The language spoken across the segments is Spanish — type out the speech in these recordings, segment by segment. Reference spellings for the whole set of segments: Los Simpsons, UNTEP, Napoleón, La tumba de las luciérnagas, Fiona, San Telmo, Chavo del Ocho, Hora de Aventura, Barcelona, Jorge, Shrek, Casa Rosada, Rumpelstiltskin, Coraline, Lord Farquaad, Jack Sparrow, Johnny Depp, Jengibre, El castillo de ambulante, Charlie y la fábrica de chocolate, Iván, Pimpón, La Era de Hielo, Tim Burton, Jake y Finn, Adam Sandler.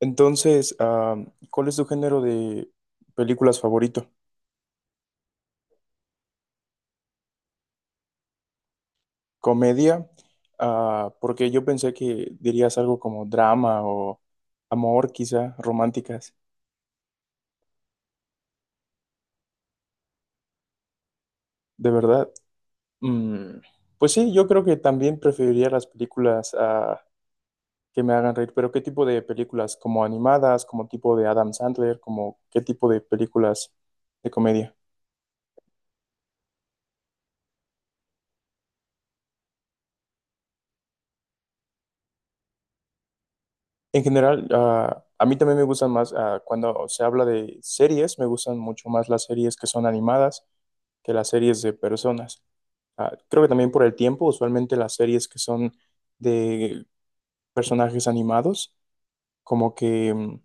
Entonces, ¿cuál es tu género de películas favorito? ¿Comedia? Ah, porque yo pensé que dirías algo como drama o amor, quizá, románticas. ¿De verdad? Mm, pues sí, yo creo que también preferiría las películas que me hagan reír, pero ¿qué tipo de películas? ¿Como animadas? ¿Como tipo de Adam Sandler? ¿Como qué tipo de películas de comedia? En general, a mí también me gustan más, cuando se habla de series, me gustan mucho más las series que son animadas que las series de personas. Ah, creo que también por el tiempo, usualmente las series que son de personajes animados, como que,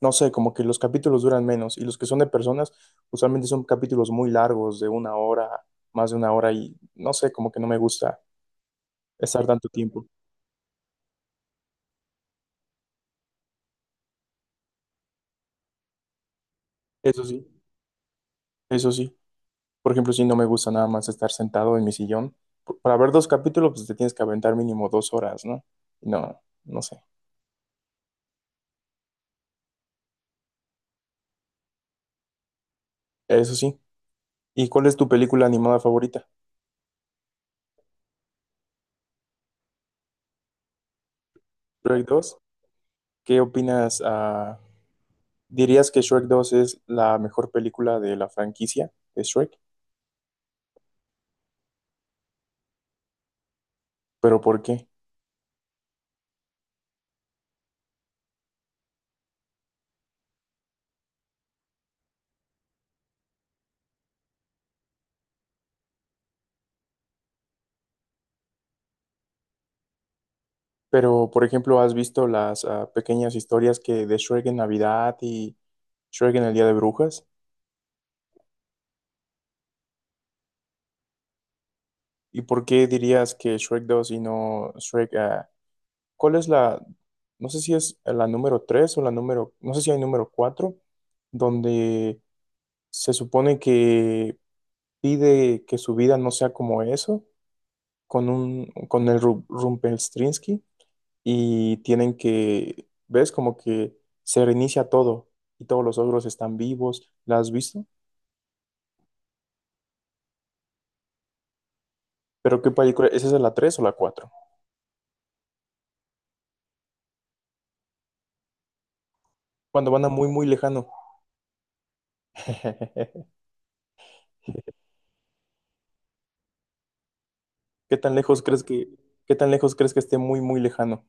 no sé, como que los capítulos duran menos y los que son de personas, usualmente son capítulos muy largos, de una hora, más de una hora y no sé, como que no me gusta estar tanto tiempo. Eso sí, eso sí. Por ejemplo, si no me gusta nada más estar sentado en mi sillón, para ver dos capítulos, pues te tienes que aventar mínimo dos horas, ¿no? No, no sé. Eso sí. ¿Y cuál es tu película animada favorita? ¿Shrek 2? ¿Qué opinas? ¿Dirías que Shrek 2 es la mejor película de la franquicia de Shrek? ¿Pero por qué? Pero, por ejemplo, ¿has visto las pequeñas historias que de Shrek en Navidad y Shrek en el Día de Brujas? ¿Y por qué dirías que Shrek 2 y no Shrek ¿cuál es no sé si es la número 3 o la número, no sé si hay número 4, donde se supone que pide que su vida no sea como eso, con el Rumpelstiltskin, y tienen que, ves, como que se reinicia todo, y todos los ogros están vivos, ¿la has visto? Pero ¿qué película? ¿Esa es la tres o la cuatro? Cuando van a muy, muy lejano. ¿Qué tan lejos crees qué tan lejos crees que esté muy, muy lejano?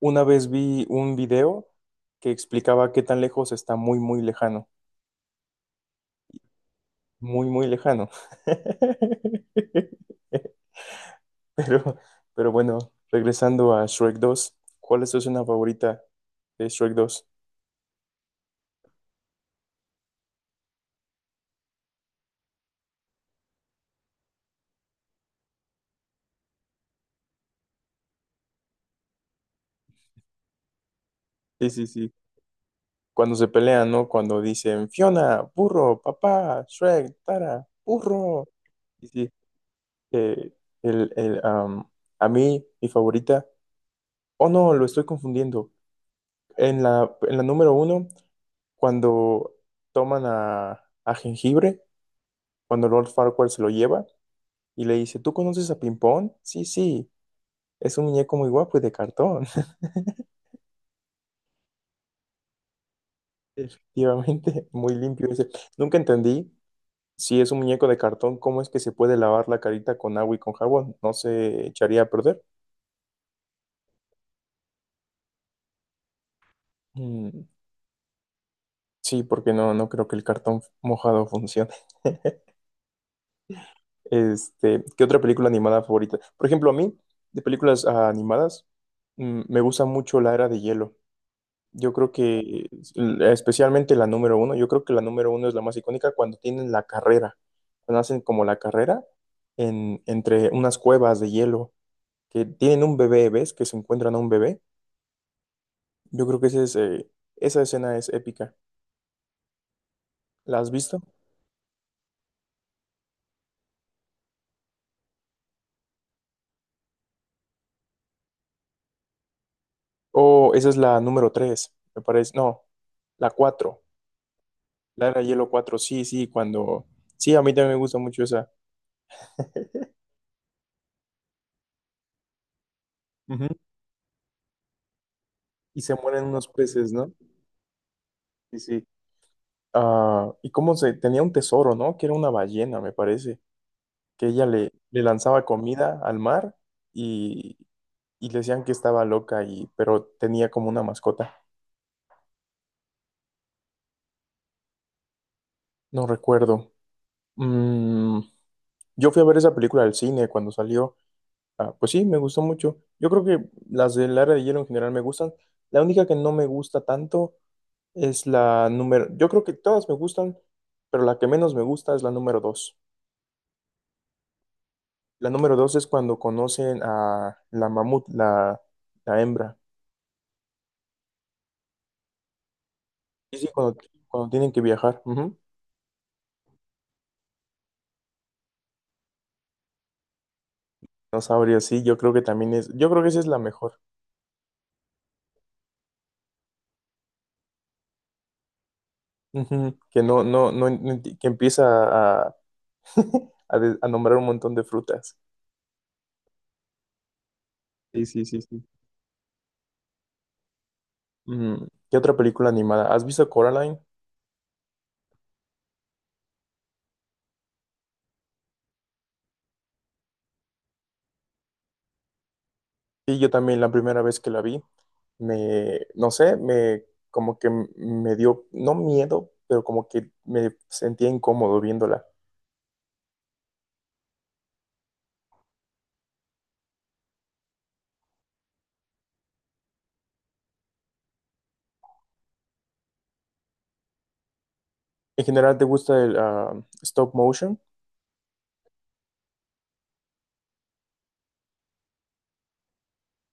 Una vez vi un video que explicaba qué tan lejos está muy, muy lejano, muy, muy lejano. Pero, pero bueno, regresando a Shrek 2, ¿cuál es tu escena favorita de Shrek 2? Sí, sí, sí. Cuando se pelean, ¿no? Cuando dicen Fiona, burro, papá, Shrek, Tara, burro. Sí, sí. Eh, el, el, am, a mí, mi favorita. Oh, no, lo estoy confundiendo. En en la número uno, cuando toman a Jengibre, cuando Lord Farquaad se lo lleva y le dice, ¿tú conoces a Pimpón? Sí, sí, es un muñeco muy guapo y de cartón. Efectivamente, muy limpio. Dice, nunca entendí si es un muñeco de cartón, cómo es que se puede lavar la carita con agua y con jabón. No se echaría a perder. Mm, sí, porque no, no creo que el cartón mojado funcione. Este, ¿qué otra película animada favorita? Por ejemplo, a mí, de películas animadas, me gusta mucho La Era de Hielo. Yo creo especialmente la número uno, yo creo que la número uno es la más icónica cuando tienen la carrera, cuando hacen como la carrera entre unas cuevas de hielo, que tienen un bebé, ¿ves? Que se encuentran a un bebé. Yo creo que ese es, esa escena es épica. ¿La has visto? O esa es la número tres, me parece. No, la cuatro, la era de hielo cuatro, sí, sí, cuando... Sí, a mí también me gusta mucho esa. Ujú. Y se mueren unos peces, ¿no? Sí, sí. Ah, y cómo se tenía un tesoro, ¿no? Que era una ballena, me parece, que ella le lanzaba comida al mar y, y le decían que estaba loca y pero tenía como una mascota. No recuerdo. Mm, yo fui a ver esa película al cine cuando salió. Ah, pues sí, me gustó mucho. Yo creo que las del Área de Hielo en general me gustan. La única que no me gusta tanto es la número. Yo creo que todas me gustan, pero la que menos me gusta es la número dos. La número dos es cuando conocen a la mamut, la hembra. Sí, sí, cuando tienen que viajar. Ujú. No sabría, sí, yo creo que también es, yo creo que esa es la mejor. Ujú, que no, no, no, no que empieza a, a nombrar un montón de frutas. Sí, sí, sí, sí. Mm, ¿qué otra película animada? ¿Has visto Coraline? Sí, yo también la primera vez que la vi, no sé, me, como que me dio, no miedo, pero como que me sentía incómodo viéndola. En general, ¿te gusta el stop motion?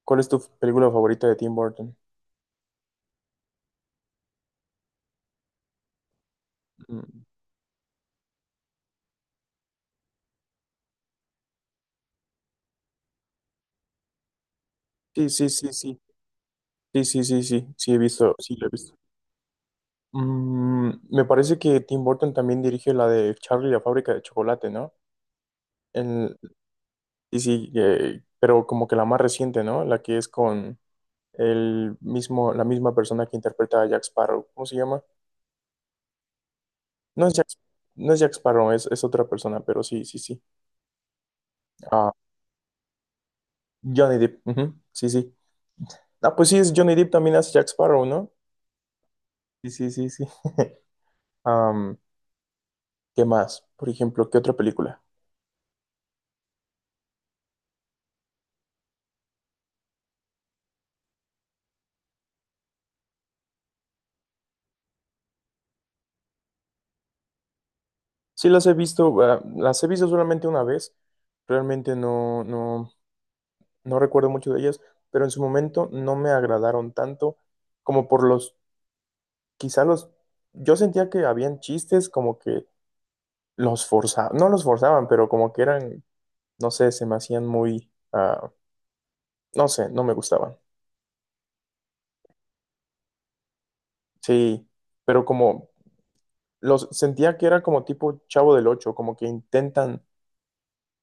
¿Cuál es tu película favorita de Tim Burton? Mm, sí, sí, sí, sí. Sí, sí, sí, sí. Sí, he visto. Sí, lo he visto. Mm, me parece que Tim Burton también dirigió la de Charlie y la fábrica de chocolate, ¿no? En- sí, sí, pero como que la más reciente, ¿no? La que es con el mismo, la misma persona que interpreta a Jack Sparrow. ¿Cómo se llama? No es Jack, no es Jack Sparrow, es otra persona, pero sí, sí, sí. Ah, Johnny Depp. Ujú, sí, sí. Ah, pues sí, es Johnny Depp también hace Jack Sparrow, ¿no? Sí, sí, sí, sí. Am, ¿qué más? Por ejemplo, ¿qué otra película? Sí, las he visto, ah, las he visto solamente una vez. Realmente no recuerdo mucho de ellas, pero en su momento no me agradaron tanto como por quizá los, yo sentía que habían chistes como que los forzaban, no los forzaban, pero como que eran, no sé, se me hacían muy, no sé, no me gustaban. Sí, pero como los sentía que era como tipo Chavo del Ocho, como que intentan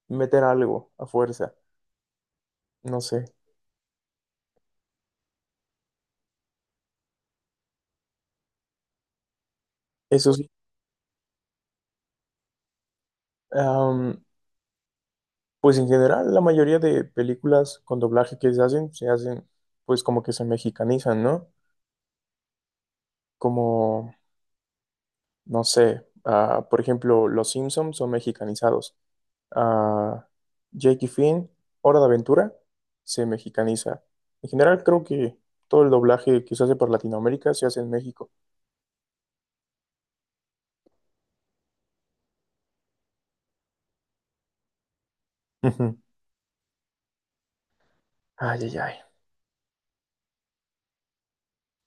meter algo a fuerza. No sé. Eso sí. Am, pues en general, la mayoría de películas con doblaje que se hacen, pues como que se mexicanizan, ¿no? Como, no sé, por ejemplo, Los Simpsons son mexicanizados. Ah, Jake y Finn, Hora de Aventura, se mexicaniza. En general, creo que todo el doblaje que se hace por Latinoamérica se hace en México. Ujú. Ay, ay, ay.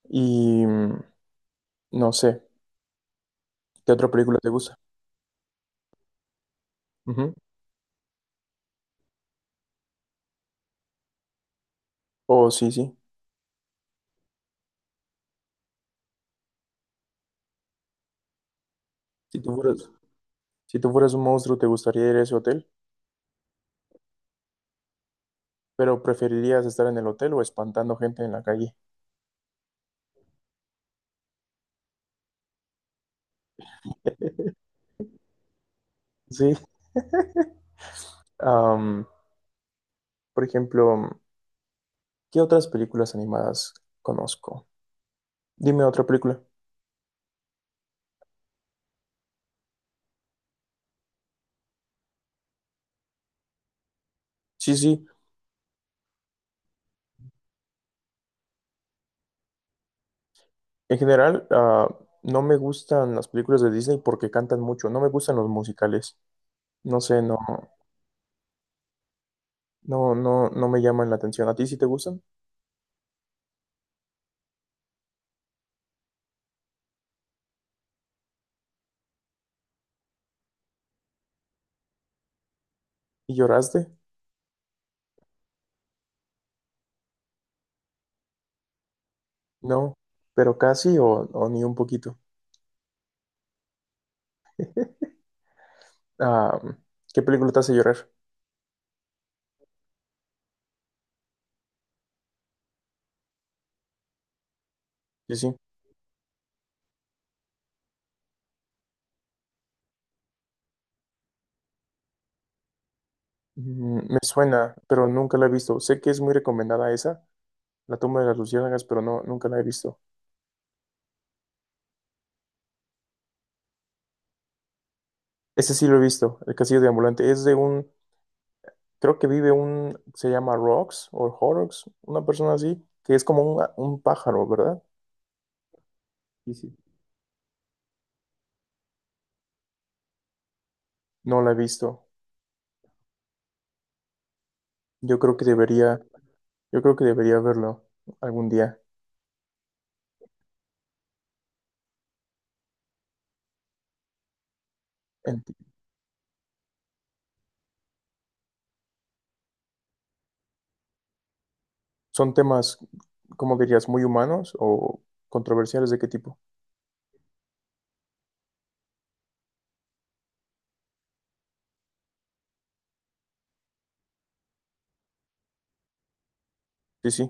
Y no sé, ¿qué otra película te gusta? Ujú. Oh, sí, sí. Si tú fueras, si tú fueras un monstruo, ¿te gustaría ir a ese hotel? ¿Pero preferirías estar en el hotel o espantando gente en la calle? Sí. Am, por ejemplo, ¿qué otras películas animadas conozco? Dime otra película. Sí, sí. En general, no me gustan las películas de Disney porque cantan mucho. No me gustan los musicales. No sé, no, no, no, no me llaman la atención. ¿A ti sí te gustan? ¿Y lloraste? No, pero casi o ni un poquito. Ah, ¿qué película te hace llorar? Sí, sí. Mm, me suena, pero nunca la he visto. Sé que es muy recomendada esa, La tumba de las luciérnagas, pero no, nunca la he visto. Ese sí lo he visto, El castillo de ambulante. Es de un, creo que vive un, se llama Rox o Horrocks, una persona así, que es como un pájaro, ¿verdad? Sí, sí. No la he visto. Yo creo que debería, yo creo que debería verlo algún día. ¿Son temas, como dirías, muy humanos o controversiales de qué tipo? Sí, sí.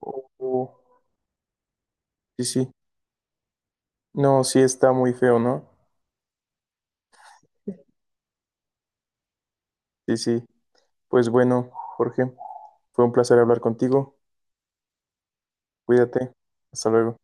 O- o- sí, sí. No, sí está muy feo, ¿no? Sí, sí. Pues bueno, Jorge, fue un placer hablar contigo. Cuídate. Hasta luego.